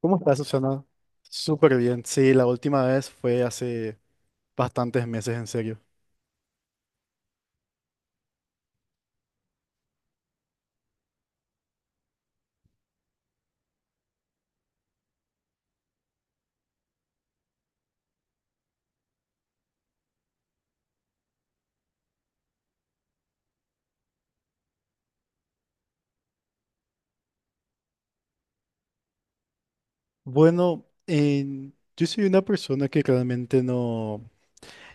¿Cómo estás, Susana? Súper bien. Sí, la última vez fue hace bastantes meses, en serio. Bueno, yo soy una persona que realmente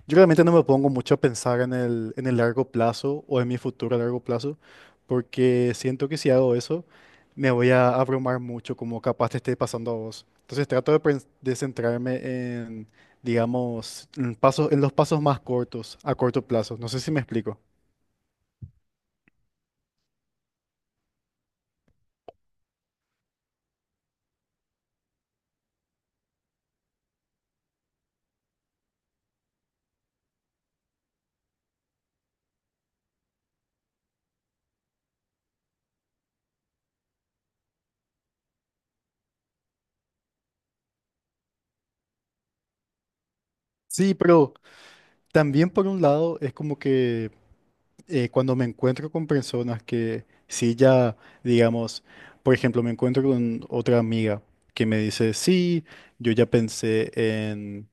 yo realmente no me pongo mucho a pensar en el largo plazo o en mi futuro a largo plazo, porque siento que si hago eso, me voy a abrumar mucho, como capaz te esté pasando a vos. Entonces trato de centrarme en, digamos, en los pasos más cortos, a corto plazo. No sé si me explico. Sí, pero también por un lado es como que cuando me encuentro con personas que sí ya, digamos, por ejemplo, me encuentro con otra amiga que me dice, sí, yo ya pensé en,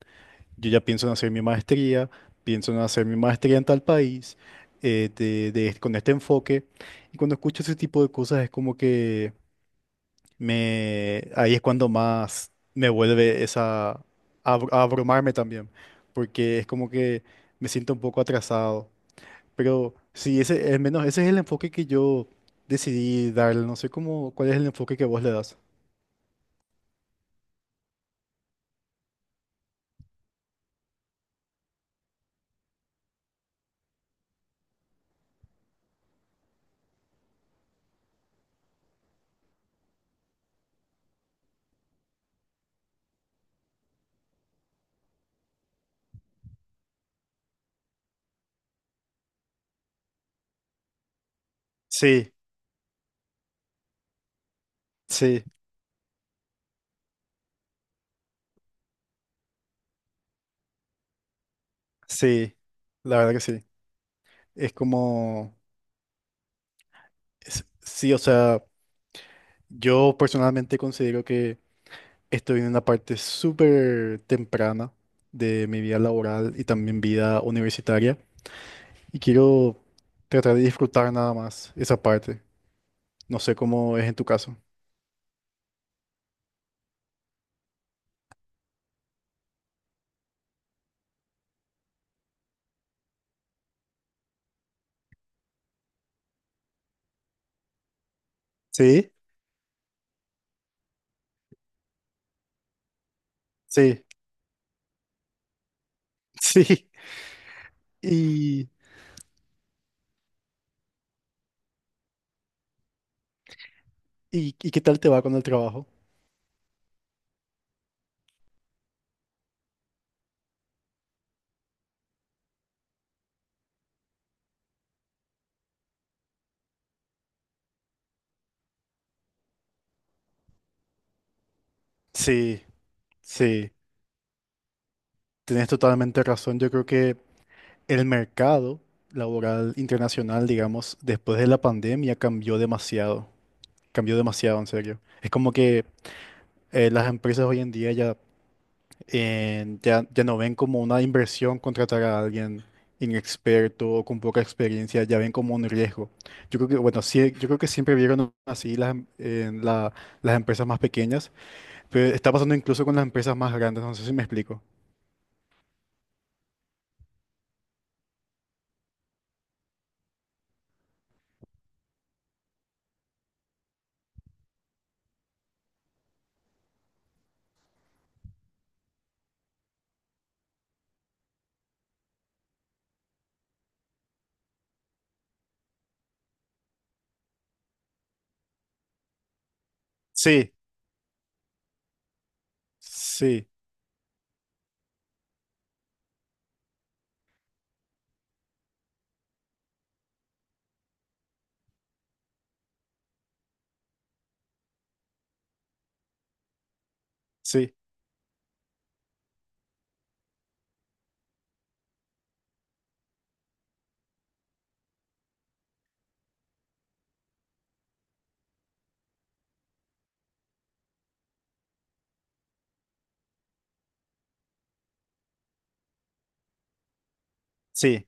yo ya pienso en hacer mi maestría, pienso en hacer mi maestría en tal país, con este enfoque. Y cuando escucho ese tipo de cosas es como que ahí es cuando más me vuelve a abrumarme también, porque es como que me siento un poco atrasado. Pero sí, al menos ese es el enfoque que yo decidí darle. No sé cuál es el enfoque que vos le das. Sí, sí, sí, la verdad que sí. Es como, sí, o sea, yo personalmente considero que estoy en una parte súper temprana de mi vida laboral y también vida universitaria. Y quiero tratar de disfrutar nada más esa parte. No sé cómo es en tu caso. Sí, sí, sí. ¿Y, y qué tal te va con el trabajo? Sí, sí. Tienes totalmente razón. Yo creo que el mercado laboral internacional, digamos, después de la pandemia cambió demasiado. Cambió demasiado, en serio. Es como que las empresas hoy en día ya no ven como una inversión contratar a alguien inexperto o con poca experiencia, ya ven como un riesgo. Yo creo que, bueno, sí, yo creo que siempre vieron así las, em- en la- las empresas más pequeñas, pero está pasando incluso con las empresas más grandes, no sé si me explico. Sí, sí, sí, sí.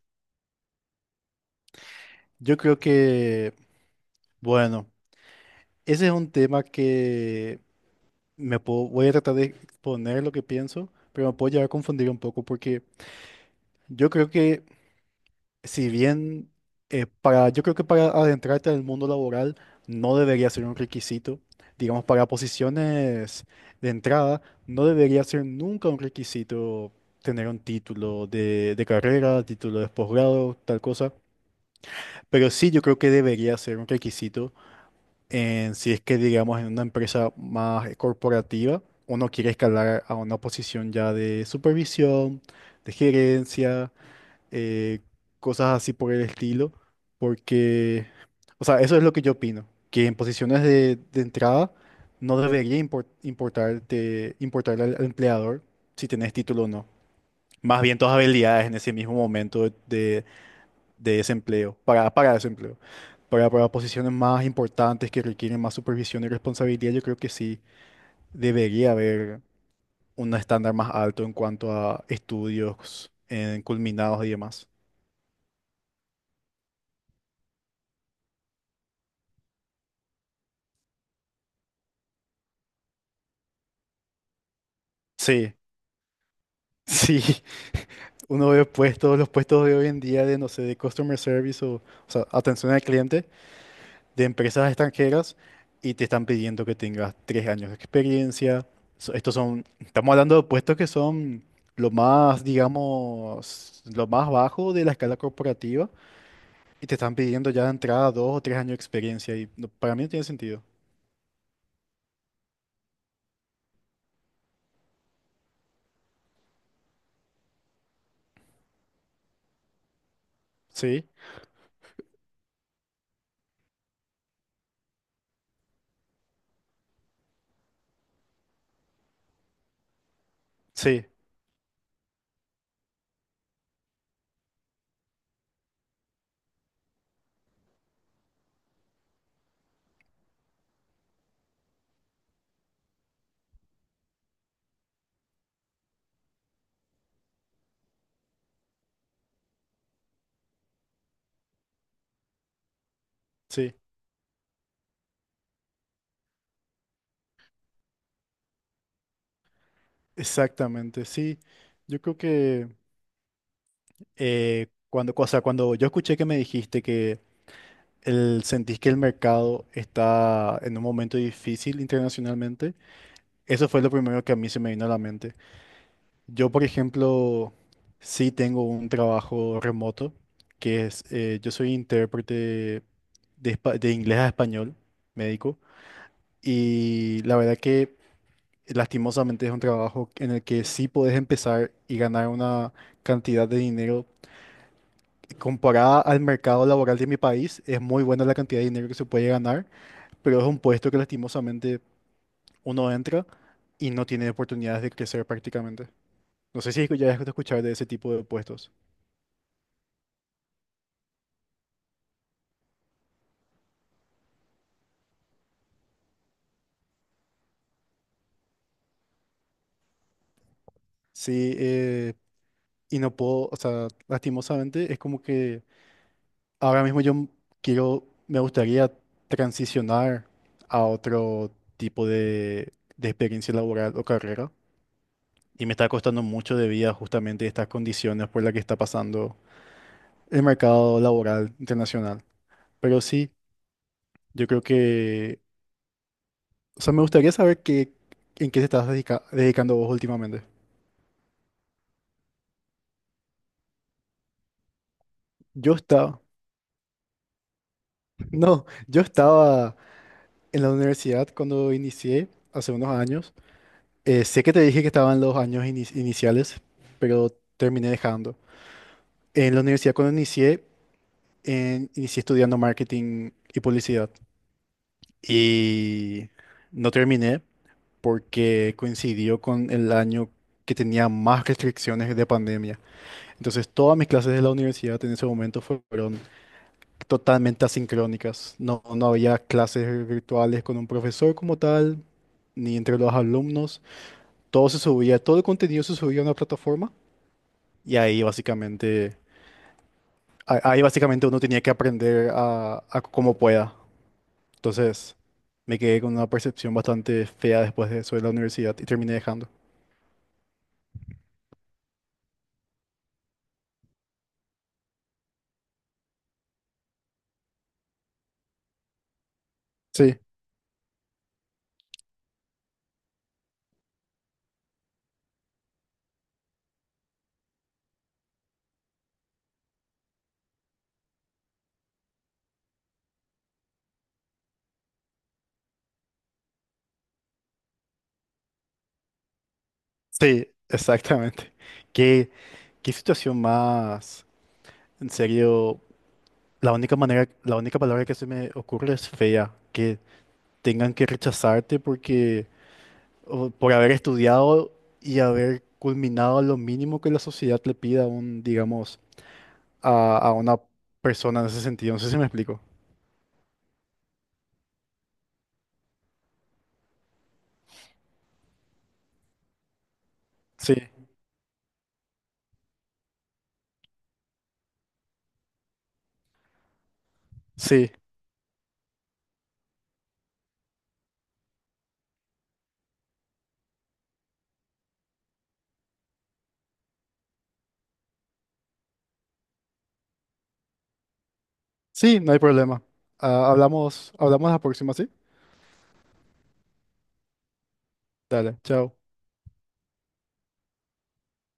Yo creo que, bueno, ese es un tema que voy a tratar de exponer lo que pienso, pero me puedo llegar a confundir un poco porque yo creo que si bien yo creo que para adentrarte al mundo laboral no debería ser un requisito, digamos, para posiciones de entrada, no debería ser nunca un requisito tener un título de carrera, título de posgrado, tal cosa, pero sí yo creo que debería ser un requisito en si es que, digamos, en una empresa más corporativa, uno quiere escalar a una posición ya de supervisión, de gerencia, eh, cosas así por el estilo, porque, o sea, eso es lo que yo opino, que en posiciones de entrada no debería importarte, al empleador si tenés título o no. Más bien tus habilidades en ese mismo momento de ese empleo, para ese empleo. Para posiciones más importantes que requieren más supervisión y responsabilidad, yo creo que sí debería haber un estándar más alto en cuanto a estudios en culminados y demás. Sí, sí. Uno ve puestos, los puestos de hoy en día de, no sé, de customer service o sea, atención al cliente de empresas extranjeras y te están pidiendo que tengas tres años de experiencia. Estos son, estamos hablando de puestos que son lo más, digamos, lo más bajo de la escala corporativa y te están pidiendo ya de entrada dos o tres años de experiencia y para mí no tiene sentido. Sí, sí, sí, exactamente, sí. Yo creo que o sea, cuando yo escuché que me dijiste que sentís que el mercado está en un momento difícil internacionalmente. Eso fue lo primero que a mí se me vino a la mente. Yo, por ejemplo, sí tengo un trabajo remoto, que yo soy intérprete de inglés a español, médico, y la verdad que lastimosamente es un trabajo en el que sí podés empezar y ganar una cantidad de dinero. Comparada al mercado laboral de mi país, es muy buena la cantidad de dinero que se puede ganar, pero es un puesto que lastimosamente uno entra y no tiene oportunidades de crecer prácticamente. No sé si ya has escuchado de ese tipo de puestos. Sí, y no puedo, o sea, lastimosamente es como que ahora mismo yo me gustaría transicionar a otro tipo de experiencia laboral o carrera. Y me está costando mucho debido a justamente estas condiciones por las que está pasando el mercado laboral internacional. Pero sí, yo creo que o sea, me gustaría saber en qué te estás dedicando vos últimamente. Yo estaba, no, yo estaba en la universidad cuando inicié hace unos años. Sé que te dije que estaba en los años iniciales, pero terminé dejando. En la universidad cuando inicié, inicié estudiando marketing y publicidad y no terminé porque coincidió con el año que tenía más restricciones de pandemia. Entonces todas mis clases de la universidad en ese momento fueron totalmente asincrónicas. No, no había clases virtuales con un profesor como tal, ni entre los alumnos. Todo se subía, todo el contenido se subía a una plataforma y ahí básicamente, ahí básicamente uno tenía que aprender a como pueda. Entonces me quedé con una percepción bastante fea después de eso de la universidad y terminé dejando. Sí, sí, exactamente. ¿Qué, qué situación más? En serio, la única palabra que se me ocurre es fea. Que tengan que rechazarte porque o por haber estudiado y haber culminado lo mínimo que la sociedad le pida a un, digamos, a una persona en ese sentido. No sé si me explico. Sí, sí, sí, no hay problema. Ah, hablamos la próxima, ¿sí? Dale, chao.